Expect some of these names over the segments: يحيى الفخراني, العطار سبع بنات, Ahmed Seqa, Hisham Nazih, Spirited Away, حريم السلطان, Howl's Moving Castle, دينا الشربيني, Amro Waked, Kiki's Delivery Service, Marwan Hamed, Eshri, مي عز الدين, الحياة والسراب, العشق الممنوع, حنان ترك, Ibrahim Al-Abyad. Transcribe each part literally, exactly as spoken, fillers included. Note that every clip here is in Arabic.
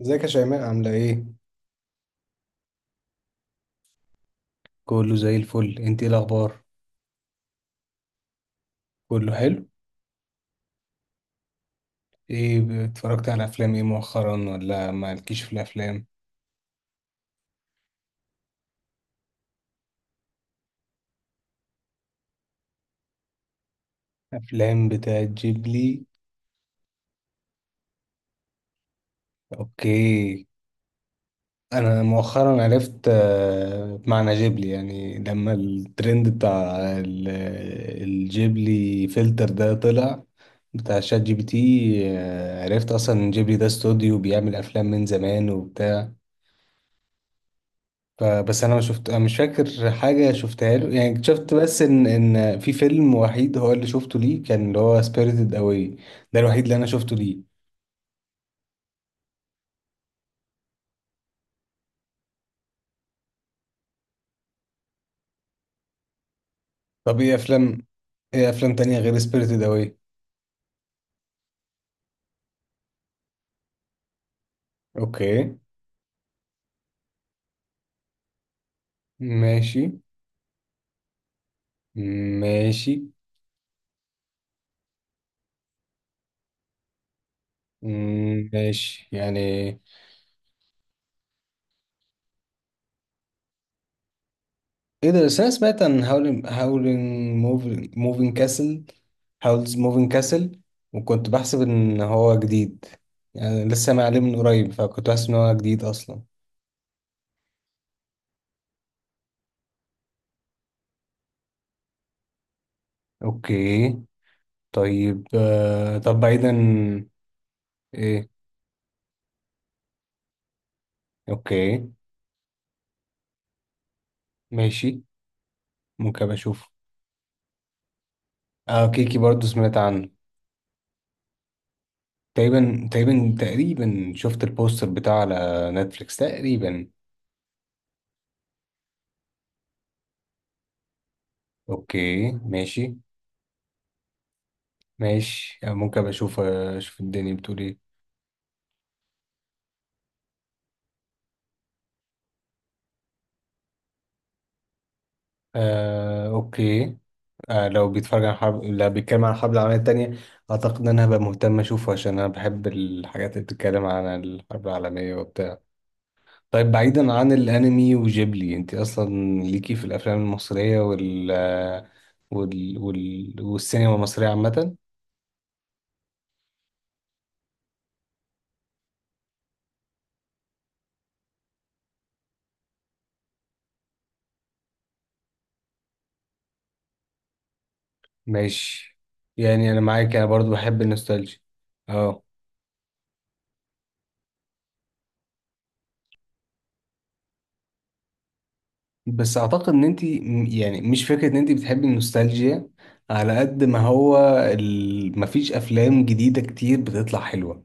ازيك يا شيماء عاملة ايه؟ كله زي الفل، انت ايه الأخبار؟ كله حلو؟ ايه اتفرجت على أفلام ايه مؤخرا ولا مالكيش في الأفلام؟ أفلام بتاعت جيبلي. اوكي. أنا مؤخرا عرفت آه، معنى جيبلي، يعني لما الترند بتاع ال- الجيبلي فلتر ده طلع، بتاع شات جي بي تي. آه، عرفت أصلا إن جيبلي ده استوديو بيعمل أفلام من زمان وبتاع. فبس انا ما شفت، أنا مش فاكر حاجه شفتها له، يعني شفت بس ان ان في فيلم وحيد هو اللي شفته ليه، كان اللي هو سبيريتد اواي. ده الوحيد اللي انا شفته ليه. طب ايه افلام ايه افلام تانية غير سبيريتد اواي؟ اوكي، ماشي ماشي. مم، ماشي يعني. ايه ده؟ بس انا سمعت عن هاولين هاولين موفين موفين كاسل، هاولز موفين كاسل، وكنت بحسب ان هو جديد، يعني لسه معلم من قريب، فكنت بحسب ان هو جديد اصلا. اوكي. طيب آه طب بعيدا، ايه. اوكي ماشي، ممكن أبقى اشوف. اه كيكي برضو سمعت عنه. تقريبا تقريبا تقريبا شفت البوستر بتاعه على نتفليكس تقريبا. اوكي، ماشي ماشي. آه، ممكن أبقى اشوف، آه، اشوف الدنيا بتقول ايه. آه، اوكي. آه، لو بيتفرج عن حرب لو بيتكلم عن الحرب العالمية التانية، اعتقد ان انا هبقى مهتم اشوفه، عشان انا بحب الحاجات اللي بتتكلم عن الحرب العالمية وبتاع. طيب بعيدا عن الانمي وجيبلي، انت اصلا ليكي في الافلام المصرية وال وال, وال... والسينما المصرية عامة؟ ماشي، يعني انا معاك، انا برضو بحب النوستالجيا. اه. بس اعتقد ان انت م- يعني مش فكرة ان انت بتحبي النوستالجيا، على قد ما هو ال... مفيش افلام جديدة كتير بتطلع حلوة،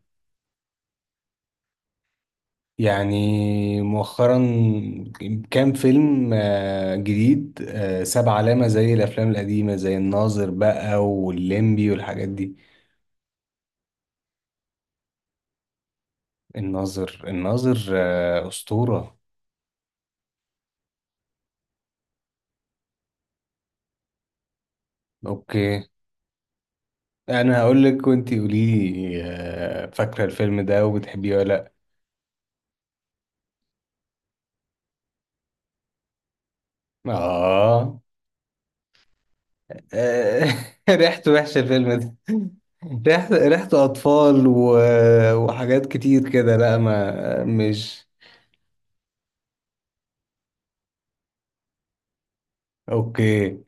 يعني مؤخرا. كام فيلم آه، جديد آه، ساب علامة زي الأفلام القديمة، زي الناظر بقى والليمبي والحاجات دي؟ الناظر الناظر آه، أسطورة. أوكي. أنا هقولك وأنتي قوليلي آه، فاكرة الفيلم ده وبتحبيه ولا لأ. آه. آه، ريحته وحشة الفيلم ده. ريحته ريحته أطفال و- وحاجات كتير كده، لأ ما مش. أوكي.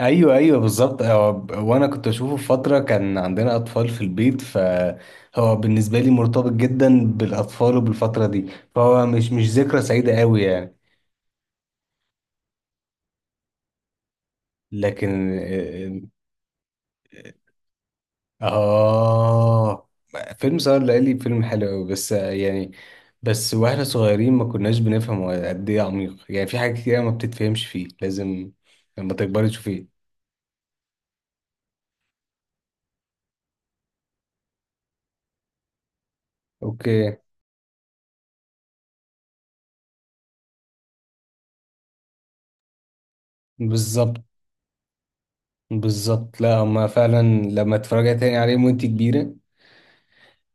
ايوه ايوه، بالظبط. هو- وانا كنت اشوفه في فتره كان عندنا اطفال في البيت، فهو بالنسبه لي مرتبط جدا بالاطفال وبالفتره دي، فهو مش مش ذكرى سعيده قوي يعني. لكن اه، آه، فيلم سهر الليالي فيلم حلو قوي، بس يعني بس واحنا صغيرين ما كناش بنفهم هو قد ايه عميق، يعني في حاجات كتير ما بتتفهمش فيه، لازم لما تكبري تشوفيه. اوكي. بالظبط. بالظبط، لا هما فعلا لما تتفرجي تاني عليهم وانتي كبيرة.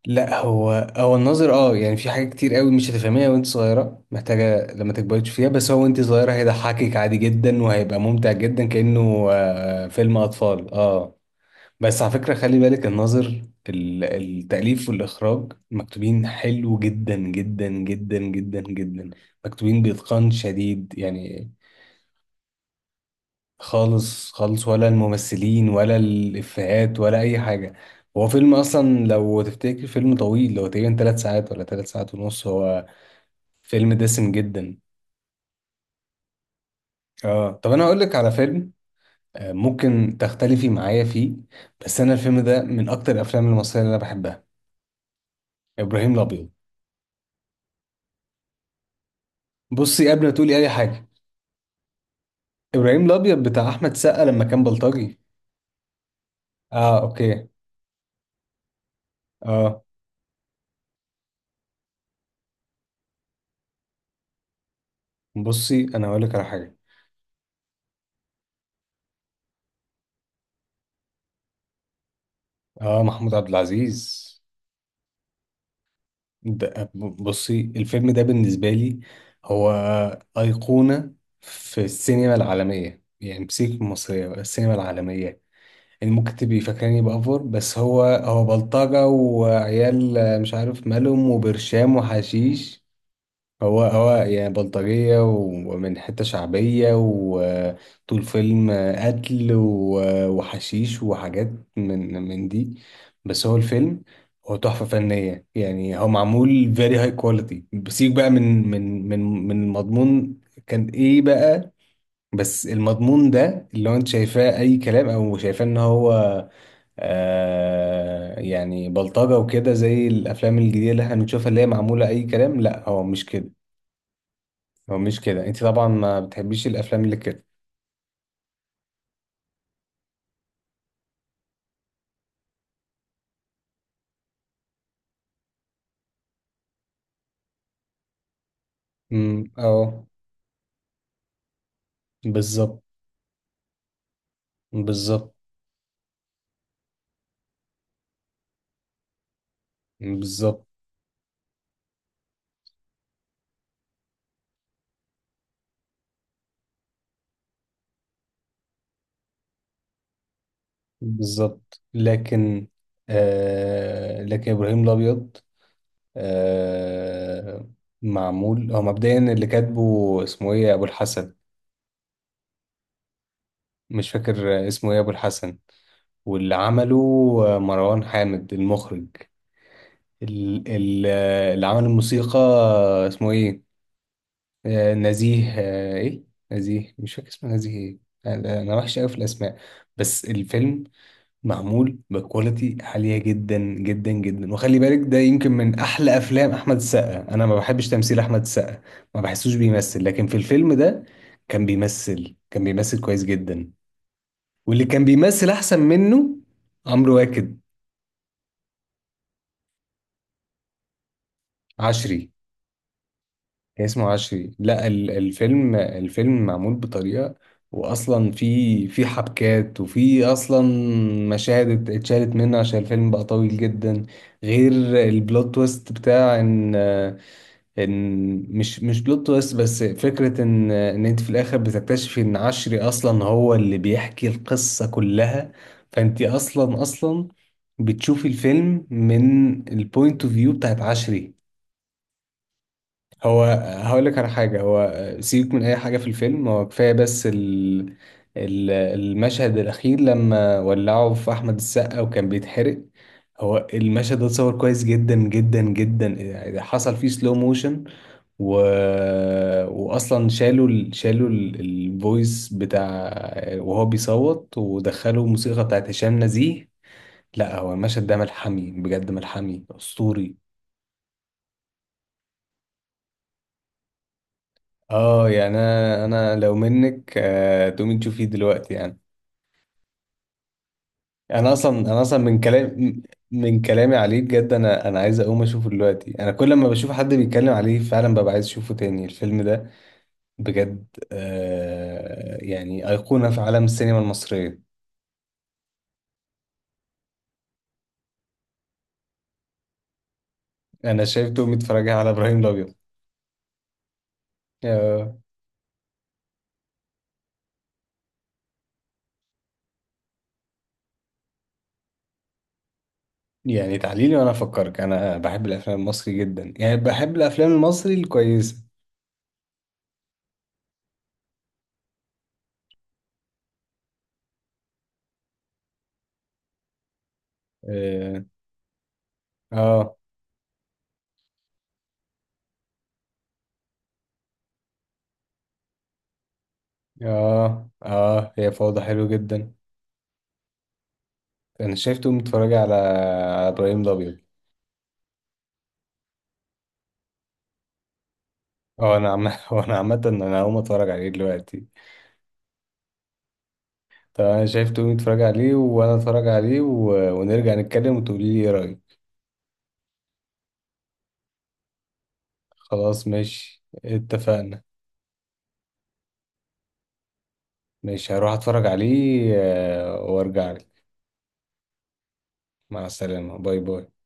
لا، هو هو النظر اه، يعني في حاجات كتير قوي مش هتفهميها وانت صغيره، محتاجه لما تكبري تشوفيها، بس هو وانت صغيره هيضحكك عادي جدا وهيبقى ممتع جدا، كانه آه، فيلم اطفال اه. بس على فكره خلي بالك، الناظر، ال- التاليف والاخراج مكتوبين حلو جدا جدا جدا جدا جدا، مكتوبين باتقان شديد يعني. خالص خالص، ولا الممثلين ولا الإفيهات ولا أي حاجة. هو فيلم أصلا لو تفتكر فيلم طويل، هو تقريبا تلات ساعات ولا تلات ساعات ونص هو، فيلم دسم جدا. اه طب، أنا هقولك على فيلم، آه، ممكن تختلفي معايا فيه، بس أنا الفيلم ده من أكتر الأفلام المصرية اللي أنا بحبها. إبراهيم الأبيض. بصي قبل ما تقولي أي حاجة، إبراهيم الأبيض بتاع أحمد سقا لما كان بلطجي. اه أوكي. اه. بصي أنا هقولك على حاجة. اه، محمود عبد العزيز. ده- بصي الفيلم ده بالنسبة لي هو أيقونة في السينما العالمية، يعني مش المصرية بقى، السينما العالمية. يعني ممكن تبقي فاكراني بأفور، بس هو هو بلطجة وعيال مش عارف مالهم وبرشام وحشيش. هو هو يعني بلطجية ومن حتة شعبية، وطول فيلم قتل و- وحشيش وحاجات من من دي، بس هو الفيلم، هو تحفة فنية، يعني هو معمول very high quality، بسيب بقى من من من من مضمون كان ايه بقى، بس المضمون ده اللي هو انت شايفاه اي كلام او شايفاه ان هو آه يعني بلطجة وكده زي الافلام الجديدة اللي احنا بنشوفها اللي هي معمولة اي كلام، لا هو مش كده، هو مش كده. انت طبعا ما بتحبيش الافلام اللي كده. امم، اه، بالظبط. بالظبط، بالظبط، بالظبط، لكن آه لكن ابراهيم الابيض، آه، معمول هو مبدئيا اللي كاتبه اسمه ايه ابو الحسن، مش فاكر اسمه ايه ابو الحسن، واللي عمله مروان حامد المخرج. ال- ال- اللي عمل الموسيقى اسمه ايه، آه، نزيه، آه، ايه نزيه، مش فاكر اسمه نزيه ايه. انا أنا وحش قوي في الاسماء، بس الفيلم معمول بكواليتي عاليه جدا جدا جدا، وخلي بالك ده يمكن من احلى افلام احمد السقا، انا ما بحبش تمثيل احمد السقا، ما بحسوش بيمثل، لكن في الفيلم ده كان بيمثل كان بيمثل كويس جدا. واللي كان بيمثل احسن منه، عمرو واكد. عشري. اسمه عشري، لا ال- الفيلم الفيلم معمول بطريقة، واصلا في في حبكات، وفي اصلا مشاهد ات- اتشالت منه عشان الفيلم بقى طويل جدا، غير البلوت تويست بتاع ان، ان مش مش بلوت تويست، بس فكرة ان ان انت في الاخر بتكتشفي ان عشري اصلا هو اللي بيحكي القصة كلها، فانت اصلا اصلا بتشوفي الفيلم من البوينت اوف فيو بتاعت عشري. هو، هقول لك على حاجة، هو سيبك من أي حاجة في الفيلم، هو كفاية بس ال... ال... المشهد الأخير لما ولعوا في أحمد السقا وكان بيتحرق، هو المشهد ده اتصور كويس جدا جدا جدا، يعني حصل فيه سلو موشن، و... وأصلا شالوا ال... شالوا ال- الفويس بتاع وهو بيصوت، ودخلوا موسيقى بتاعت هشام نزيه. لا، هو المشهد ده ملحمي بجد، ملحمي أسطوري. اه يعني، انا انا لو منك آه، تقومي تشوفيه دلوقتي يعني. انا اصلا، انا اصلا من كلام من كلامي عليه بجد، انا انا عايز اقوم اشوفه دلوقتي، انا كل ما بشوف حد بيتكلم عليه فعلا ببقى عايز اشوفه تاني الفيلم ده بجد. آه يعني ايقونة في عالم السينما المصرية. انا شايف تقومي تتفرجي على ابراهيم الابيض. آه يعني تعليلي وانا افكرك، انا بحب الافلام المصري جدا، يعني بحب الافلام المصري الكويسة. اه، اه، اه, آه هي فوضى حلو جدا. انا شايفته متفرج على على ابراهيم الابيض. اه. انا عم هو انا عامه انا هقوم اتفرج عليه دلوقتي. طب انا شايفته متفرج عليه وانا اتفرج عليه، و... ونرجع نتكلم وتقولي لي ايه رايك. خلاص ماشي، اتفقنا. ماشي، هروح اتفرج عليه آه، وارجع لك. مع السلامه، باي باي.